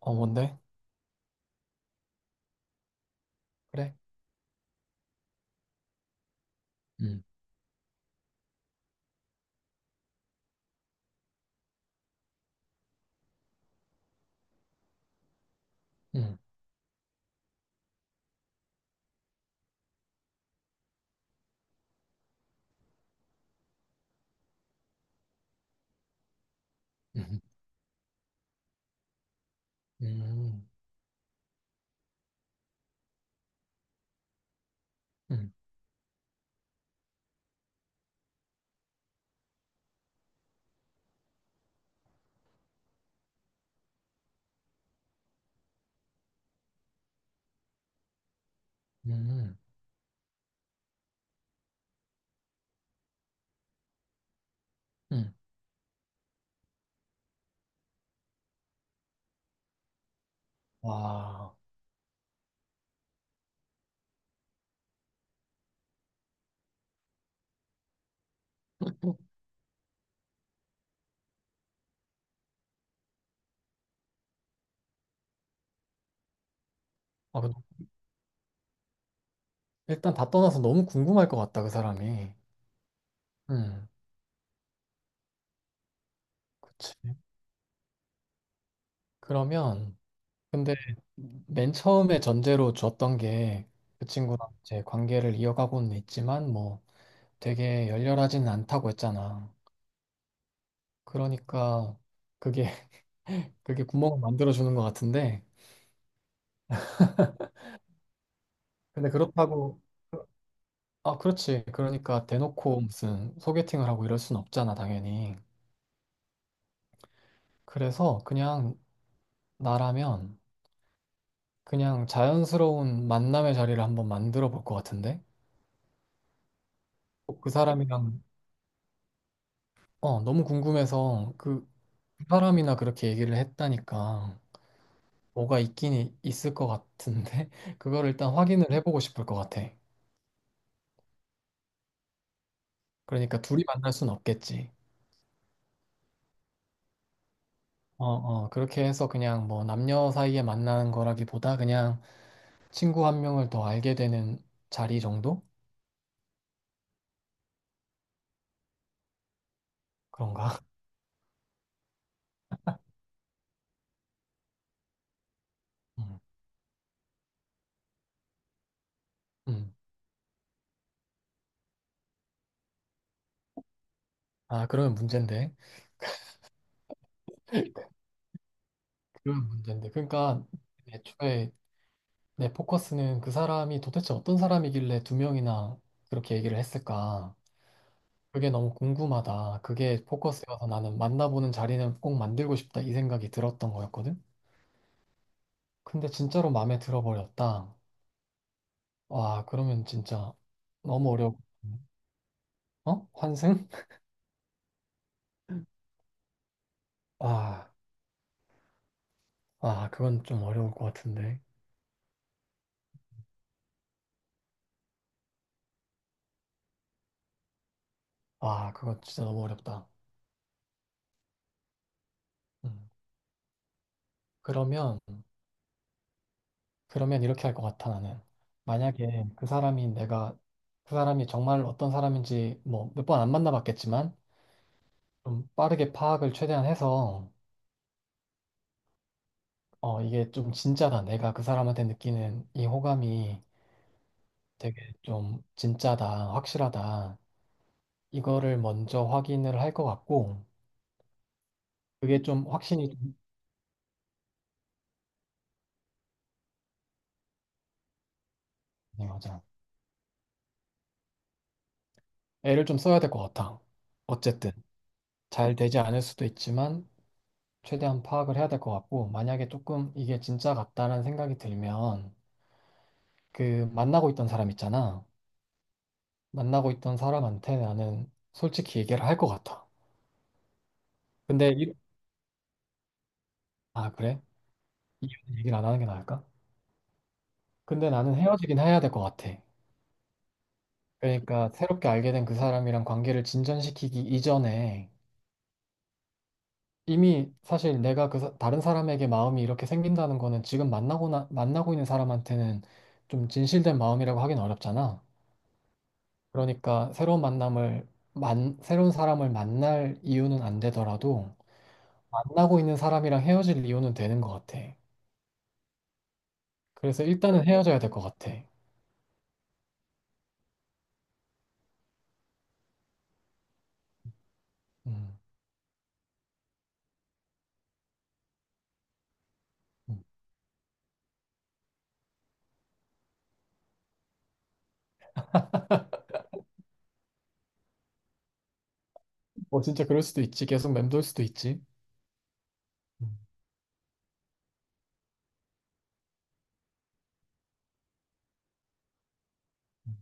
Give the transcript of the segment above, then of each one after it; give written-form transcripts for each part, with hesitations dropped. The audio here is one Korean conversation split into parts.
어, 뭔데? 그래? 음, 음, 음, 음, 음, 음, 음. 와. 아, 근데 일단 다 떠나서 너무 궁금할 것 같다, 그 사람이. 음, 그치. 그러면, 근데 맨 처음에 전제로 줬던 게 그 친구랑 이제 관계를 이어가고는 있지만 뭐 되게 열렬하지는 않다고 했잖아. 그러니까 그게, 그게 구멍을 만들어주는 것 같은데. 근데 그렇다고, 아, 그렇지. 그러니까 대놓고 무슨 소개팅을 하고 이럴 순 없잖아, 당연히. 그래서 그냥 나라면 그냥 자연스러운 만남의 자리를 한번 만들어 볼 것 같은데? 그 사람이랑, 어, 너무 궁금해서 그 사람이나 그렇게 얘기를 했다니까 뭐가 있긴 있을 것 같은데? 그거를 일단 확인을 해보고 싶을 것 같아. 그러니까 둘이 만날 순 없겠지. 어, 어, 그렇게 해서 그냥 뭐 남녀 사이에 만나는 거라기보다 그냥 친구 한 명을 더 알게 되는 자리 정도? 그런가? 음. 음. 아, 그러면 문제인데. 그러면 문제인데. 그러니까 애초에 내 포커스는 그 사람이 도대체 어떤 사람이길래 두 명이나 그렇게 얘기를 했을까? 그게 너무 궁금하다. 그게 포커스여서 나는 만나보는 자리는 꼭 만들고 싶다. 이 생각이 들었던 거였거든? 근데 진짜로 마음에 들어버렸다. 와, 그러면 진짜 너무 어려워. 어? 환승? 아, 아, 그건 좀 어려울 것 같은데. 와, 그거 진짜 너무 어렵다. 음. 그러면, 그러면 이렇게 할 것 같아, 나는. 만약에 그 사람이 내가, 그 사람이 정말 어떤 사람인지 뭐 몇 번 안 만나봤겠지만, 좀 빠르게 파악을 최대한 해서, 어, 이게 좀 진짜다. 내가 그 사람한테 느끼는 이 호감이 되게 좀 진짜다, 확실하다. 이거를 먼저 확인을 할 것 같고, 그게 좀 확신이 좀, 네, 맞아. 애를 좀 써야 될 것 같아. 어쨌든. 잘 되지 않을 수도 있지만, 최대한 파악을 해야 될 것 같고, 만약에 조금 이게 진짜 같다라는 생각이 들면, 그 만나고 있던 사람 있잖아. 만나고 있던 사람한테 나는 솔직히 얘기를 할 것 같아. 근데, 이, 아, 그래? 이유는 얘기를 안 하는 게 나을까? 근데 나는 헤어지긴 해야 될 것 같아. 그러니까 새롭게 알게 된 그 사람이랑 관계를 진전시키기 이전에 이미 사실 내가 다른 사람에게 마음이 이렇게 생긴다는 거는 지금 만나고 있는 사람한테는 좀 진실된 마음이라고 하긴 어렵잖아. 그러니까 새로운 만남을 새로운 사람을 만날 이유는 안 되더라도 만나고 있는 사람이랑 헤어질 이유는 되는 것 같아. 그래서 일단은 헤어져야 될 것 같아. 음. 음. 뭐 진짜 그럴 수도 있지. 계속 맴돌 수도 있지. 음, 음.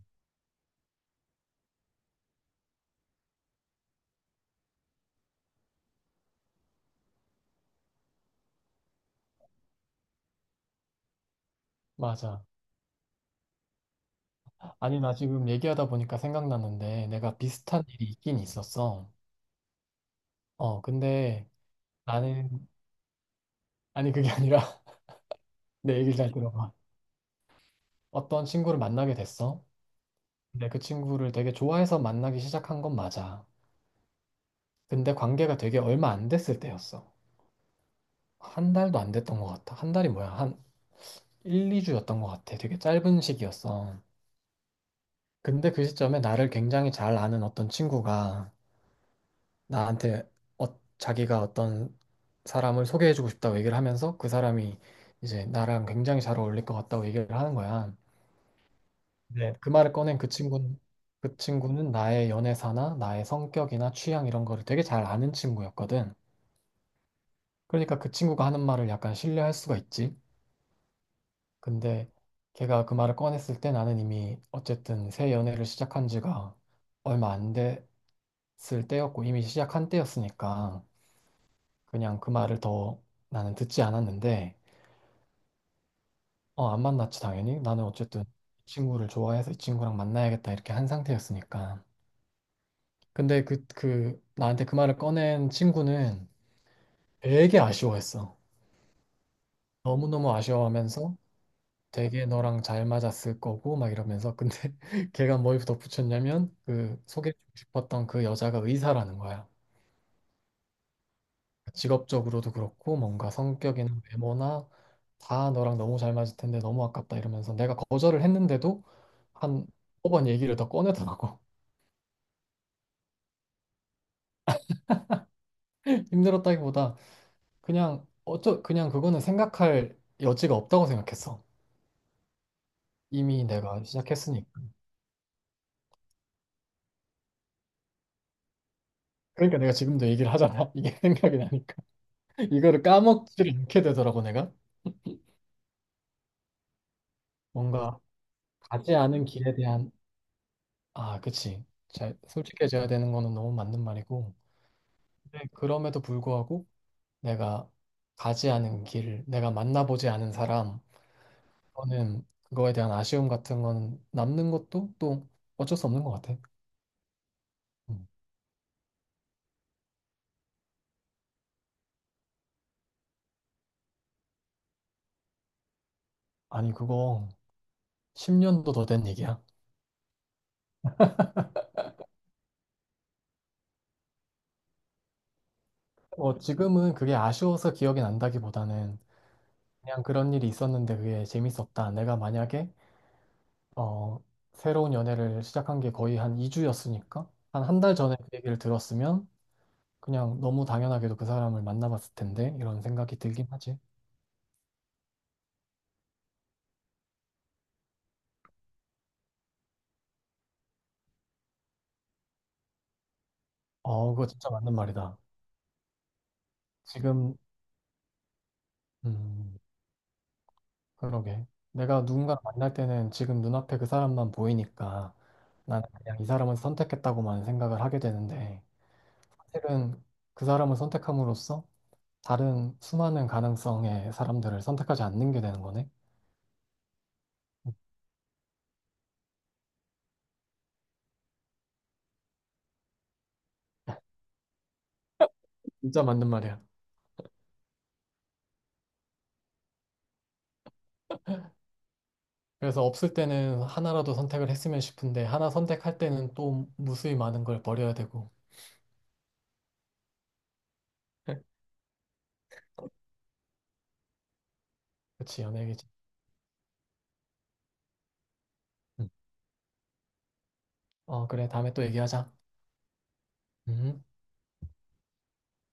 맞아. 아니 나 지금 얘기하다 보니까 생각났는데 내가 비슷한 일이 있긴 있었어. 어 근데 나는 아니 그게 아니라 내 얘기를 잘 들어봐. 어떤 친구를 만나게 됐어. 근데 그 친구를 되게 좋아해서 만나기 시작한 건 맞아. 근데 관계가 되게 얼마 안 됐을 때였어. 한 달도 안 됐던 것 같아. 한 달이 뭐야? 한 1, 2주였던 것 같아. 되게 짧은 시기였어. 근데 그 시점에 나를 굉장히 잘 아는 어떤 친구가 나한테 어, 자기가 어떤 사람을 소개해주고 싶다고 얘기를 하면서 그 사람이 이제 나랑 굉장히 잘 어울릴 것 같다고 얘기를 하는 거야. 네. 그 말을 꺼낸 그 친구는 그 친구는 나의 연애사나 나의 성격이나 취향 이런 거를 되게 잘 아는 친구였거든. 그러니까 그 친구가 하는 말을 약간 신뢰할 수가 있지. 근데 걔가 그 말을 꺼냈을 때 나는 이미 어쨌든 새 연애를 시작한 지가 얼마 안 됐을 때였고 이미 시작한 때였으니까 그냥 그 말을 더 나는 듣지 않았는데 어, 안 만났지 당연히 나는 어쨌든 이 친구를 좋아해서 이 친구랑 만나야겠다 이렇게 한 상태였으니까 근데 그 나한테 그 말을 꺼낸 친구는 되게 아쉬워했어 너무너무 아쉬워하면서 되게 너랑 잘 맞았을 거고 막 이러면서 근데 걔가 뭘 덧붙였냐면 그 소개해주고 싶었던 그 여자가 의사라는 거야. 그러니까 직업적으로도 그렇고 뭔가 성격이나 외모나 다 너랑 너무 잘 맞을 텐데 너무 아깝다 이러면서 내가 거절을 했는데도 한 5번 얘기를 더 꺼내더라고. 힘들었다기보다 그냥 그거는 생각할 여지가 없다고 생각했어. 이미 내가 시작했으니까. 그러니까 내가 지금도 얘기를 하잖아. 이게 생각이 나니까. 이거를 까먹지를 않게 되더라고 내가. 뭔가 가지 않은 길에 대한 아, 그치. 잘 솔직해져야 되는 거는 너무 맞는 말이고. 근데 그럼에도 불구하고 내가 가지 않은 길, 내가 만나보지 않은 사람, 그거는 그거에 대한 아쉬움 같은 건 남는 것도 또 어쩔 수 없는 것 같아. 음. 아니 그거 10년도 더 된 얘기야. 뭐 지금은 그게 아쉬워서 기억이 난다기보다는 그냥 그런 일이 있었는데 그게 재밌었다. 내가 만약에 어, 새로운 연애를 시작한 게 거의 한 2주였으니까 한 한 달 전에 그 얘기를 들었으면 그냥 너무 당연하게도 그 사람을 만나봤을 텐데 이런 생각이 들긴 하지. 어, 그거 진짜 맞는 말이다. 지금 음, 그러게. 내가 누군가를 만날 때는 지금 눈앞에 그 사람만 보이니까 나는 그냥 이 사람을 선택했다고만 생각을 하게 되는데 사실은 그 사람을 선택함으로써 다른 수많은 가능성의 사람들을 선택하지 않는 게 되는 거네. 음, 진짜 맞는 말이야. 그래서 없을 때는 하나라도 선택을 했으면 싶은데 하나 선택할 때는 또 무수히 많은 걸 버려야 되고. 그치, 연예계지. 음. 어, 그래. 다음에 또 얘기하자. 음.